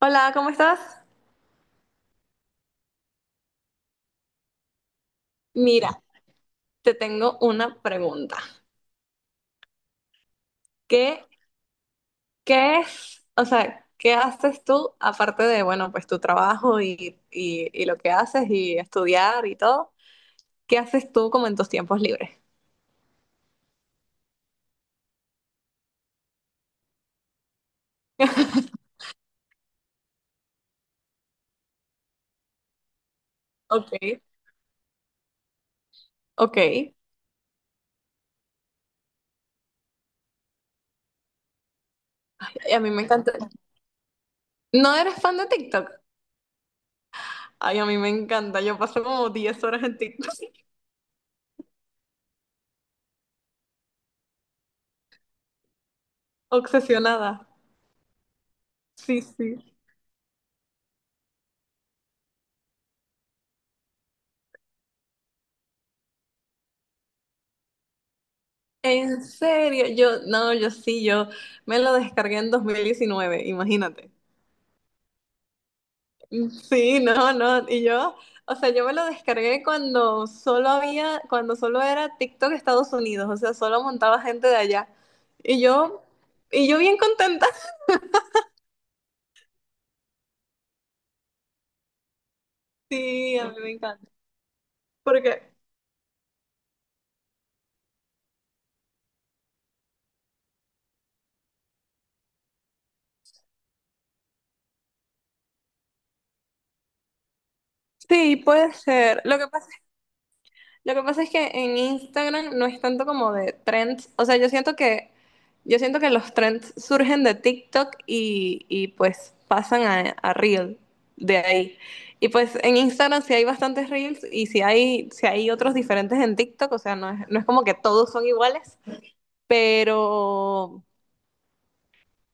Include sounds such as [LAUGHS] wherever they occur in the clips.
Hola, ¿cómo estás? Mira, te tengo una pregunta. ¿Qué, qué es, o sea, qué haces tú aparte de, bueno, pues tu trabajo y lo que haces y estudiar y todo? ¿Qué haces tú como en tus tiempos libres? [LAUGHS] Ok, ok. Y a mí me encanta. ¿No eres fan de TikTok? Ay, a mí me encanta. Yo paso como 10 horas en TikTok. [LAUGHS] Obsesionada. Sí, sí. En serio, no, yo sí, yo me lo descargué en 2019. Imagínate. Sí, no, no. Y yo, o sea, yo me lo descargué cuando solo había, cuando solo era TikTok Estados Unidos, o sea, solo montaba gente de allá. Y yo, y yo bien contenta. [LAUGHS] Sí, a mí me encanta. Porque sí, puede ser. Lo que pasa es que en Instagram no es tanto como de trends. O sea, yo siento que los trends surgen de TikTok y pues pasan a Reel de ahí. Y pues en Instagram sí hay bastantes Reels y sí hay otros diferentes en TikTok. O sea, no es como que todos son iguales, pero,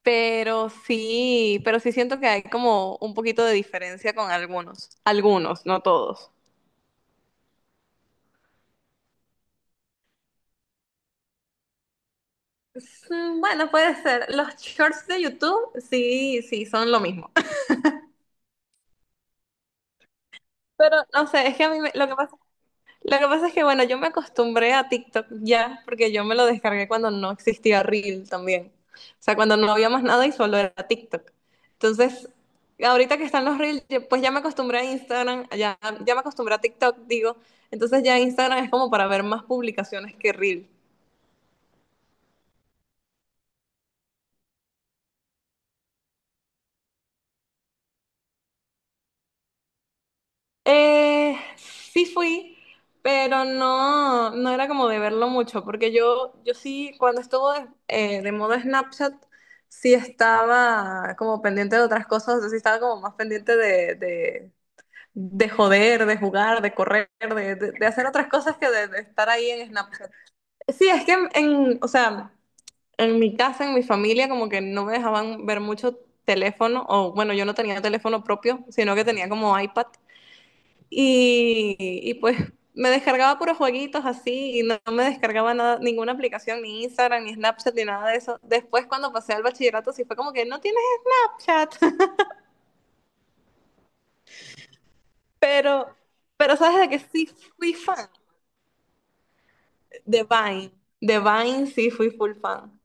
pero sí siento que hay como un poquito de diferencia con algunos. Algunos, no todos. Bueno, puede ser. Los shorts de YouTube, sí, sí, son lo mismo. [LAUGHS] Pero no sé, es que lo que pasa es que, bueno, yo me acostumbré a TikTok ya, porque yo me lo descargué cuando no existía Reel también. O sea, cuando no había más nada y solo era TikTok. Entonces, ahorita que están los Reels, pues ya me acostumbré a Instagram, ya me acostumbré a TikTok, digo. Entonces ya Instagram es como para ver más publicaciones que Reel. Sí fui, pero no, no era como de verlo mucho, porque yo sí, cuando estuvo de moda Snapchat, sí estaba como pendiente de otras cosas, o sea, sí estaba como más pendiente de, joder, de jugar, de correr, de hacer otras cosas que de estar ahí en Snapchat. Sí, es que o sea, en mi casa, en mi familia, como que no me dejaban ver mucho teléfono, o bueno, yo no tenía teléfono propio, sino que tenía como iPad. Y pues me descargaba puros jueguitos así y no me descargaba nada, ninguna aplicación, ni Instagram, ni Snapchat, ni nada de eso. Después cuando pasé al bachillerato sí fue como que no tienes Snapchat. [LAUGHS] pero, pero sabes de que sí fui fan de Vine. De Vine sí fui full fan.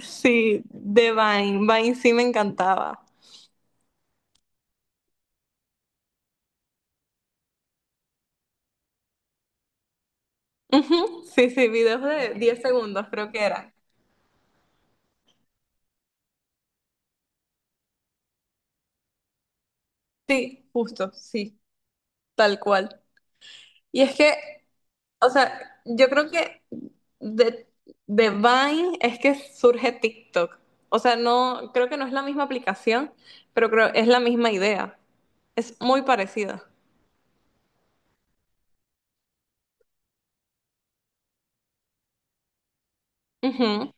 Sí, de Vine. Vine sí me encantaba. Ujú, sí, sí, videos de 10 segundos creo que era. Sí, justo, sí, tal cual. Y es que O sea, yo creo que de, de Vine es que surge TikTok. O sea, no, creo que no es la misma aplicación, pero creo es la misma idea. Es muy parecida. Ujú.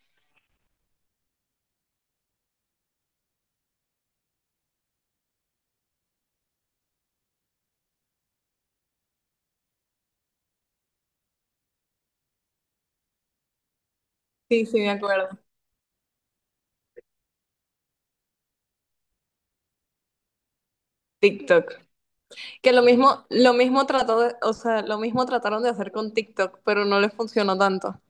Sí, sí, me acuerdo. TikTok. Que lo mismo trató de- O sea, lo mismo trataron de hacer con TikTok, pero no les funcionó tanto.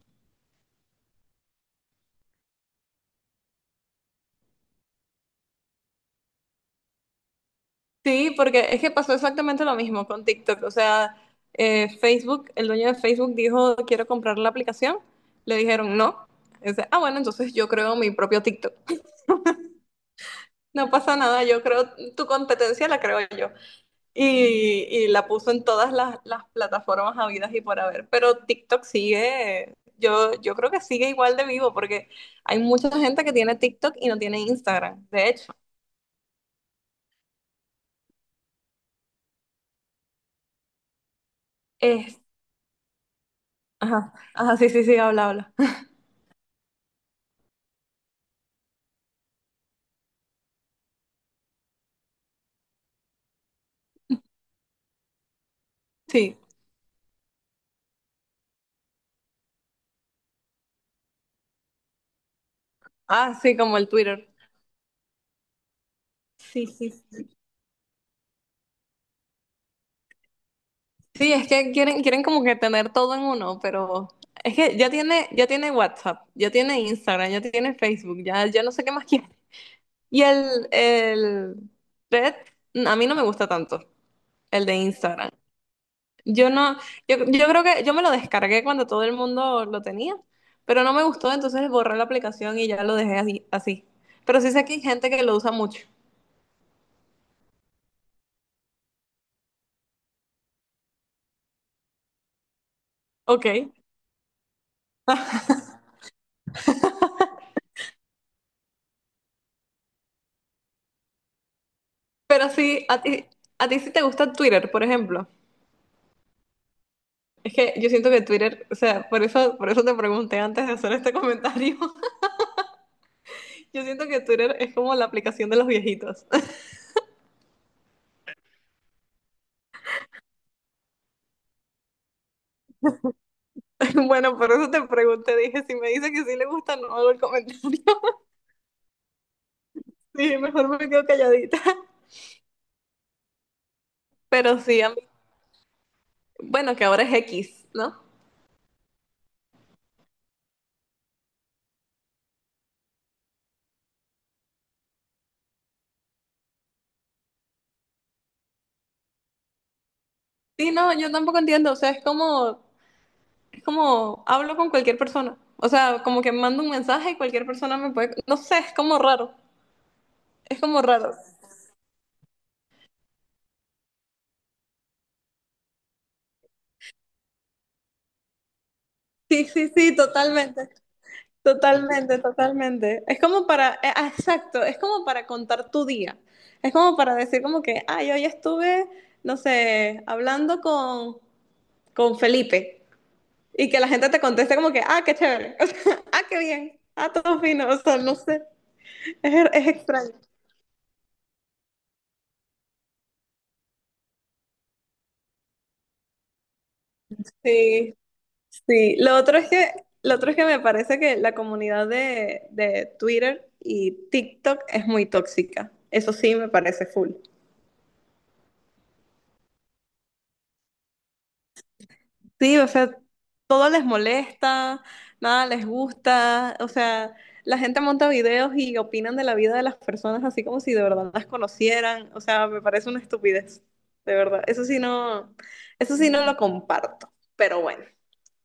Sí, porque es que pasó exactamente lo mismo con TikTok. O sea, Facebook, el dueño de Facebook dijo, quiero comprar la aplicación. Le dijeron no. Dice, ah, bueno, entonces yo creo mi propio TikTok. No pasa nada, yo creo, tu competencia la creo yo. Y, y la puso en todas las plataformas habidas y por haber. Pero TikTok sigue, yo creo que sigue igual de vivo, porque hay mucha gente que tiene TikTok y no tiene Instagram, de hecho. Es, ajá, ajá, sí, sí, sí, habla, habla. [LAUGHS] Sí. Ah, sí, como el Twitter. Sí, sí, sí. Sí, es que quieren como que tener todo en uno, pero es que ya tiene WhatsApp, ya tiene Instagram, ya tiene Facebook, ya no sé qué más quiere. Y el Red, a mí no me gusta tanto, el de Instagram. Yo no, yo creo que yo me lo descargué cuando todo el mundo lo tenía, pero no me gustó, entonces borré la aplicación y ya lo dejé así, así. Pero sí sé que hay gente que lo usa mucho. Ok. [LAUGHS] Pero sí, a ti sí te gusta Twitter, por ejemplo. Es que yo siento que Twitter, o sea, por eso te pregunté antes de hacer este comentario. [LAUGHS] Yo siento que Twitter es como la aplicación de los viejitos. [LAUGHS] Bueno, por eso te pregunté, dije, si me dice que sí le gusta, no hago el comentario. [LAUGHS] Sí, mejor me quedo calladita. Pero sí, bueno, que ahora es X, ¿no? Sí, no, yo tampoco entiendo, o sea, es como, hablo con cualquier persona. O sea, como que mando un mensaje y cualquier persona me puede, no sé, es como raro. Es como raro. Sí, sí, sí, totalmente. Totalmente, totalmente. Es como para, ah, exacto, es como para contar tu día. Es como para decir como que, ay, hoy estuve, no sé, hablando con Felipe, y que la gente te conteste como que, ah, qué chévere, [LAUGHS] o sea, ah, qué bien, ah, todo fino, o sea, no sé, es extraño. Sí, sí. Lo otro es que me parece que la comunidad de Twitter y TikTok es muy tóxica. Eso sí me parece full. Sí, o sea, todo les molesta, nada les gusta, o sea, la gente monta videos y opinan de la vida de las personas así como si de verdad las conocieran, o sea, me parece una estupidez, de verdad. Eso sí no lo comparto, pero bueno,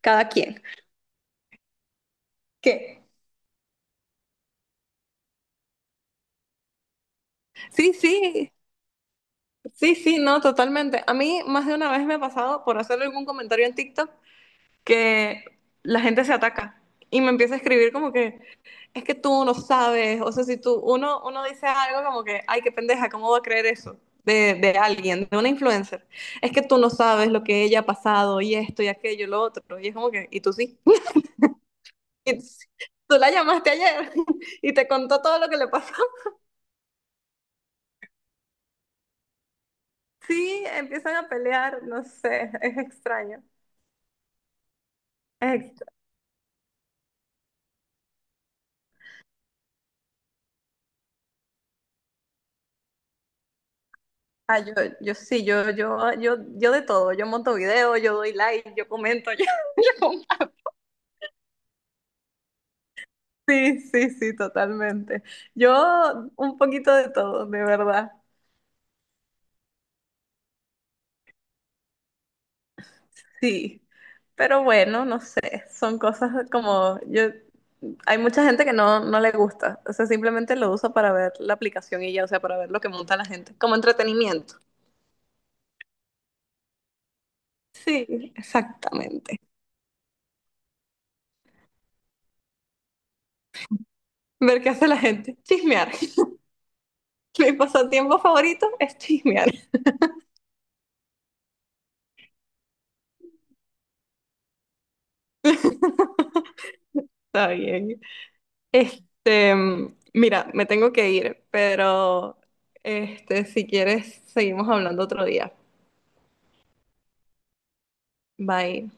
cada quien. ¿Qué? Sí, sí, sí, sí, no, totalmente. A mí más de una vez me ha pasado por hacer algún comentario en TikTok que la gente se ataca y me empieza a escribir como que es que tú no sabes, o sea, si tú uno dice algo como que, ay, qué pendeja, ¿cómo va a creer eso? De alguien, de una influencer. Es que tú no sabes lo que ella ha pasado y esto y aquello y lo otro. Y es como que, y tú sí. [LAUGHS] Y tú sí. Tú la llamaste ayer [LAUGHS] y te contó todo lo que le pasó. Sí, empiezan a pelear, no sé, es extraño. Es Ah, yo sí, yo de todo, yo monto videos, yo doy like, yo comento, yo, [LAUGHS] yo comparto. Sí, sí, sí, totalmente. Yo un poquito de todo, de verdad, sí. Pero bueno, no sé, son cosas como yo, hay mucha gente que no le gusta, o sea, simplemente lo usa para ver la aplicación y ya, o sea, para ver lo que monta la gente, como entretenimiento. Sí, exactamente. Ver qué hace la gente, chismear. [LAUGHS] Mi pasatiempo favorito es chismear. [LAUGHS] Está bien. Este, mira, me tengo que ir, pero este, si quieres, seguimos hablando otro día. Bye.